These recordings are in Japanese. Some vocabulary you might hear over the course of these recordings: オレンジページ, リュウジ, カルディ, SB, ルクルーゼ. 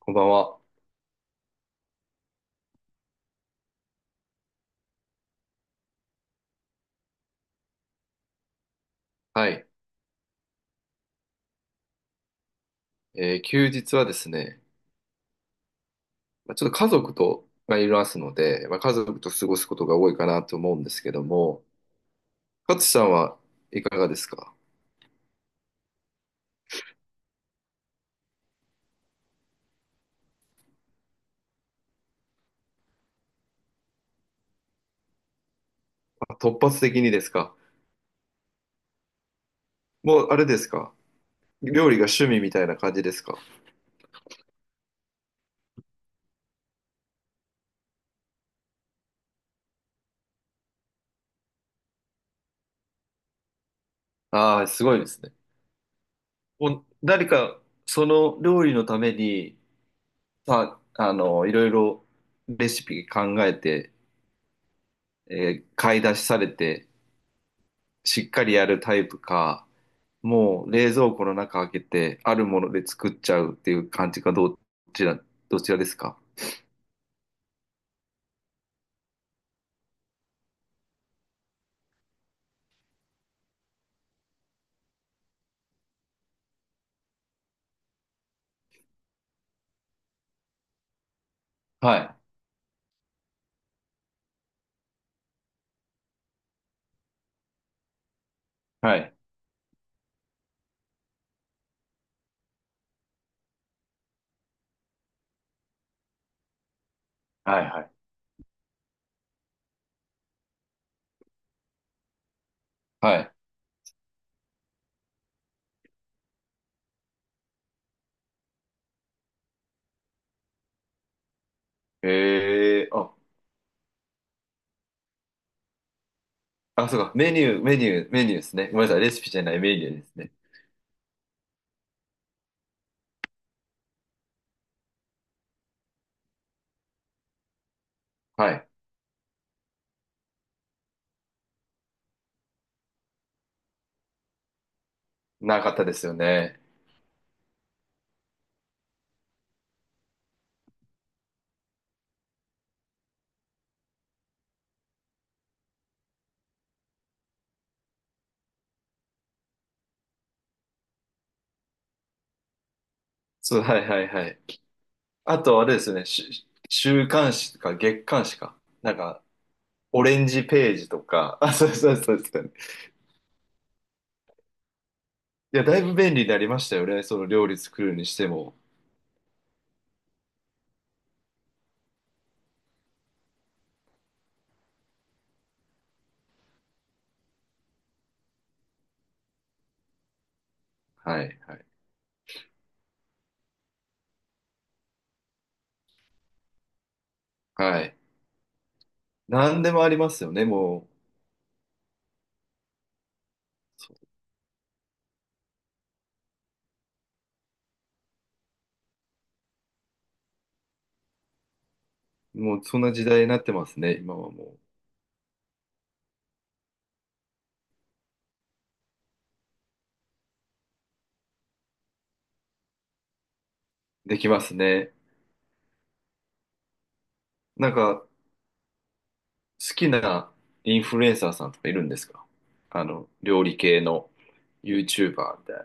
こんばんは。はい。休日はですね、まあ、ちょっと家族とがいますので、まあ、家族と過ごすことが多いかなと思うんですけども、勝さんはいかがですか？あ、突発的にですか？もうあれですか？料理が趣味みたいな感じですか？ああー、すごいですね。もう誰かその料理のためにさ、いろいろレシピ考えて、買い出しされて、しっかりやるタイプか、もう冷蔵庫の中開けて、あるもので作っちゃうっていう感じか、ちら、どちらですか？はい。はい。はいはい。はい。えー、あ、あ、そうか。メニューですね。ごめんなさい。レシピじゃないメニューですね。はい。なかったですよね。そう、はいはいはい。あと、あれですよね。週刊誌か月刊誌か。なんか、オレンジページとか。あ、そうそうそうですかね。いや、だいぶ便利になりましたよね。その料理作るにしても。はいはい。はい。何でもありますよね、もう。そもうそんな時代になってますね、今はもう。できますね。なんか、好きなインフルエンサーさんとかいるんですか？料理系の YouTuber みたいな。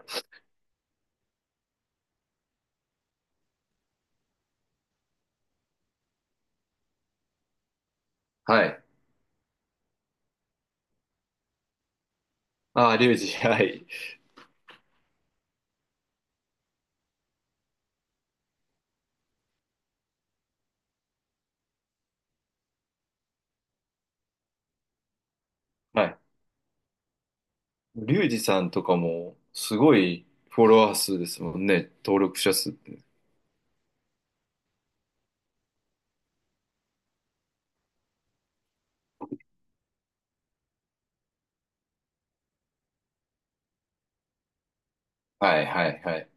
はい。ああ、リュウジ、はい。はい。リュウジさんとかも、すごいフォロワー数ですもんね、登録者数って。はい、はい、はい。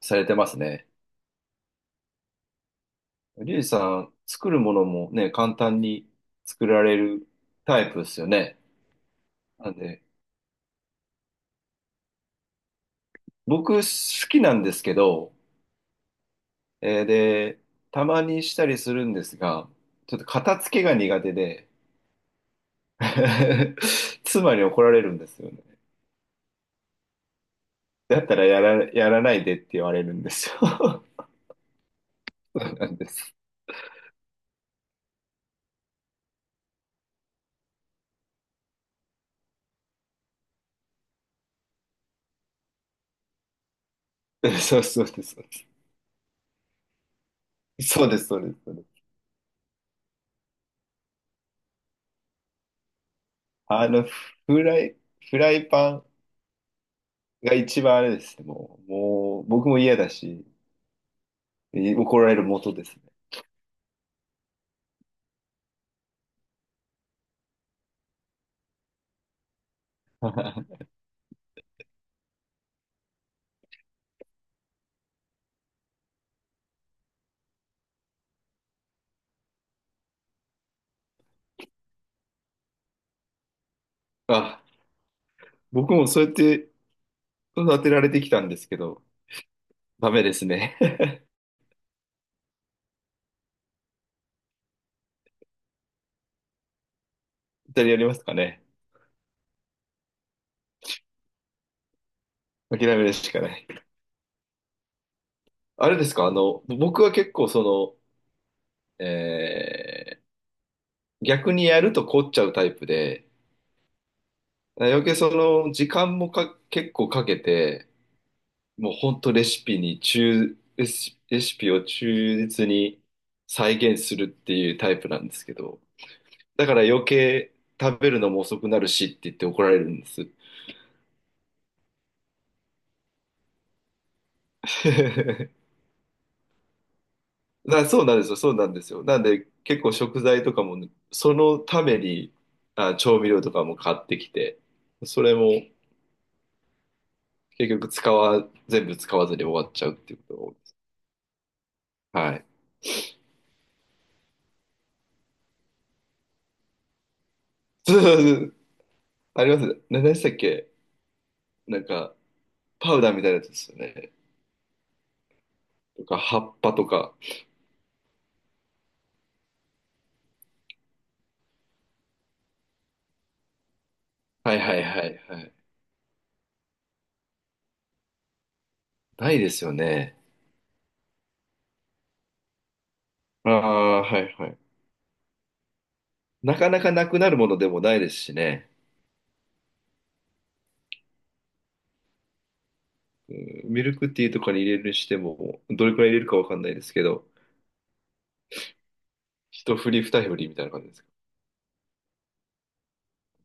されてますね。リュウジさん、作るものもね、簡単に作られるタイプですよね。なんで、僕好きなんですけど、で、たまにしたりするんですが、ちょっと片付けが苦手で、妻に怒られるんですよね。だったらやらないでって言われるんですよ。なんです。そうそうです。そうです、そうです。そうです。あの、フライ、フライパンが一番あれですね。もう僕も嫌だし、怒られる元ですね。あ、僕もそうやって育てられてきたんですけど、ダメですね。二人やりますかね？諦めるしかない。あれですか、僕は結構えー逆にやると凝っちゃうタイプで、余計時間もか、結構かけて、もう本当レシピを忠実に再現するっていうタイプなんですけど、だから余計食べるのも遅くなるしって言って怒られるんです。そうなんですよ、そうなんですよ。なんで結構食材とかも、そのために調味料とかも買ってきて、それも結局全部使わずに終わっちゃうっていうことが多いです。はい。そうそうそうあります。何でしたっけ？なんか、パウダーみたいなやつですよね。とか、葉っぱとか。はいはいはいはい。ないですよね。ああ、はいはい。なかなかなくなるものでもないですしね。うん、ミルクティーとかに入れるにしても、どれくらい入れるかわかんないですけど、一振り二振りみたいな感じですか？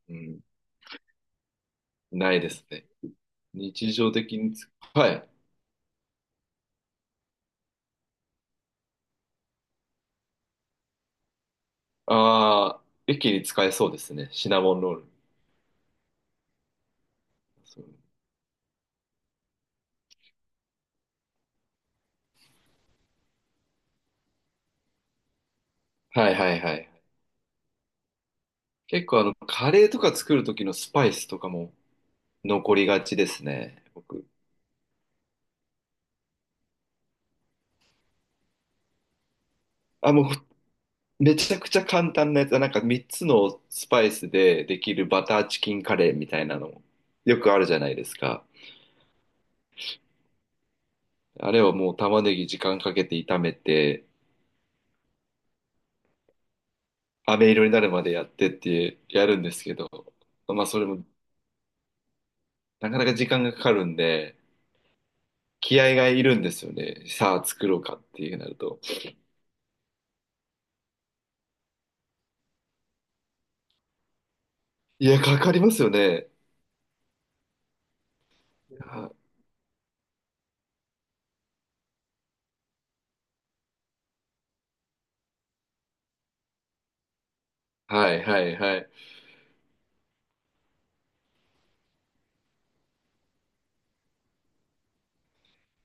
うん。ないですね。日常的にはい。ああ、一気に使えそうですね。シナモンロール。そう、はいはいはい。結構カレーとか作る時のスパイスとかも残りがちですね。僕。あ、もう、めちゃくちゃ簡単なやつ。なんか3つのスパイスでできるバターチキンカレーみたいなの、よくあるじゃないですか。あれをもう玉ねぎ時間かけて炒めて、飴色になるまでやってってやるんですけど、まあそれもなかなか時間がかかるんで、気合がいるんですよね。さあ作ろうかっていうなると。いや、かかりますよね。は、はいはいはい。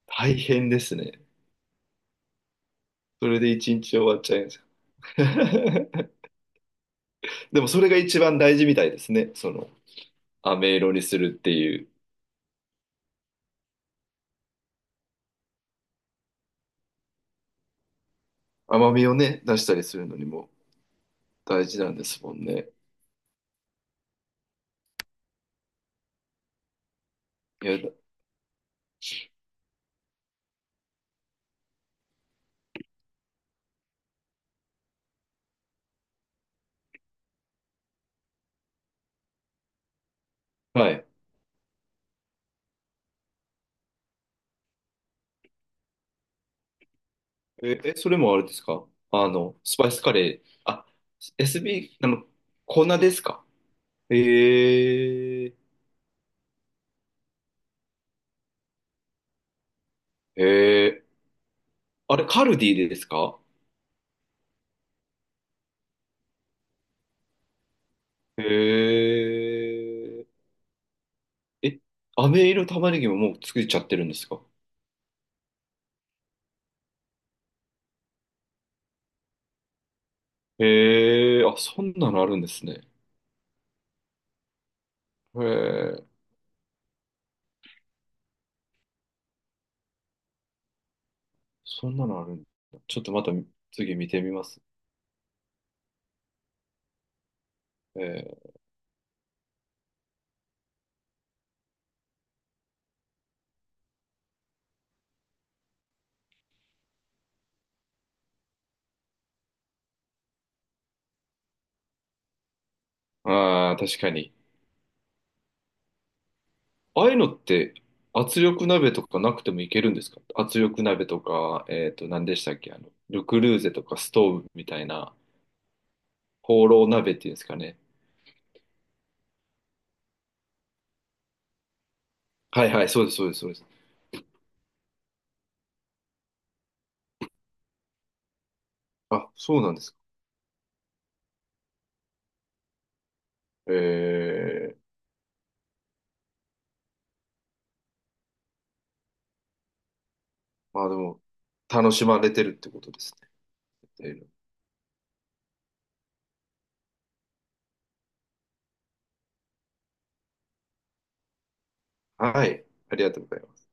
大変ですね。それで一日終わっちゃいます。でもそれが一番大事みたいですね。その飴色にするっていう。甘みをね、出したりするのにも大事なんですもんね。いや、はい。それもあれですか？スパイスカレー。あ、SB、粉ですか？ええー、えー、あれ、カルディでですか？ええー、え、飴色玉ねぎももう作っちゃってるんですか？ええー、あ、そんなのあるんですね。ええ、そんなのあるんだ。ちょっとまた次見てみます。ええ、ああ、確かに。ああいうのって圧力鍋とかなくてもいけるんですか？圧力鍋とか、何でしたっけ？ルクルーゼとかストーブみたいな、ホーロー鍋っていうんですかね？はいはい、そうです、そうです、そうです。あ、そうなんですか。ええ、まあでも、楽しまれてるってことですね。はい、ありがとうございます。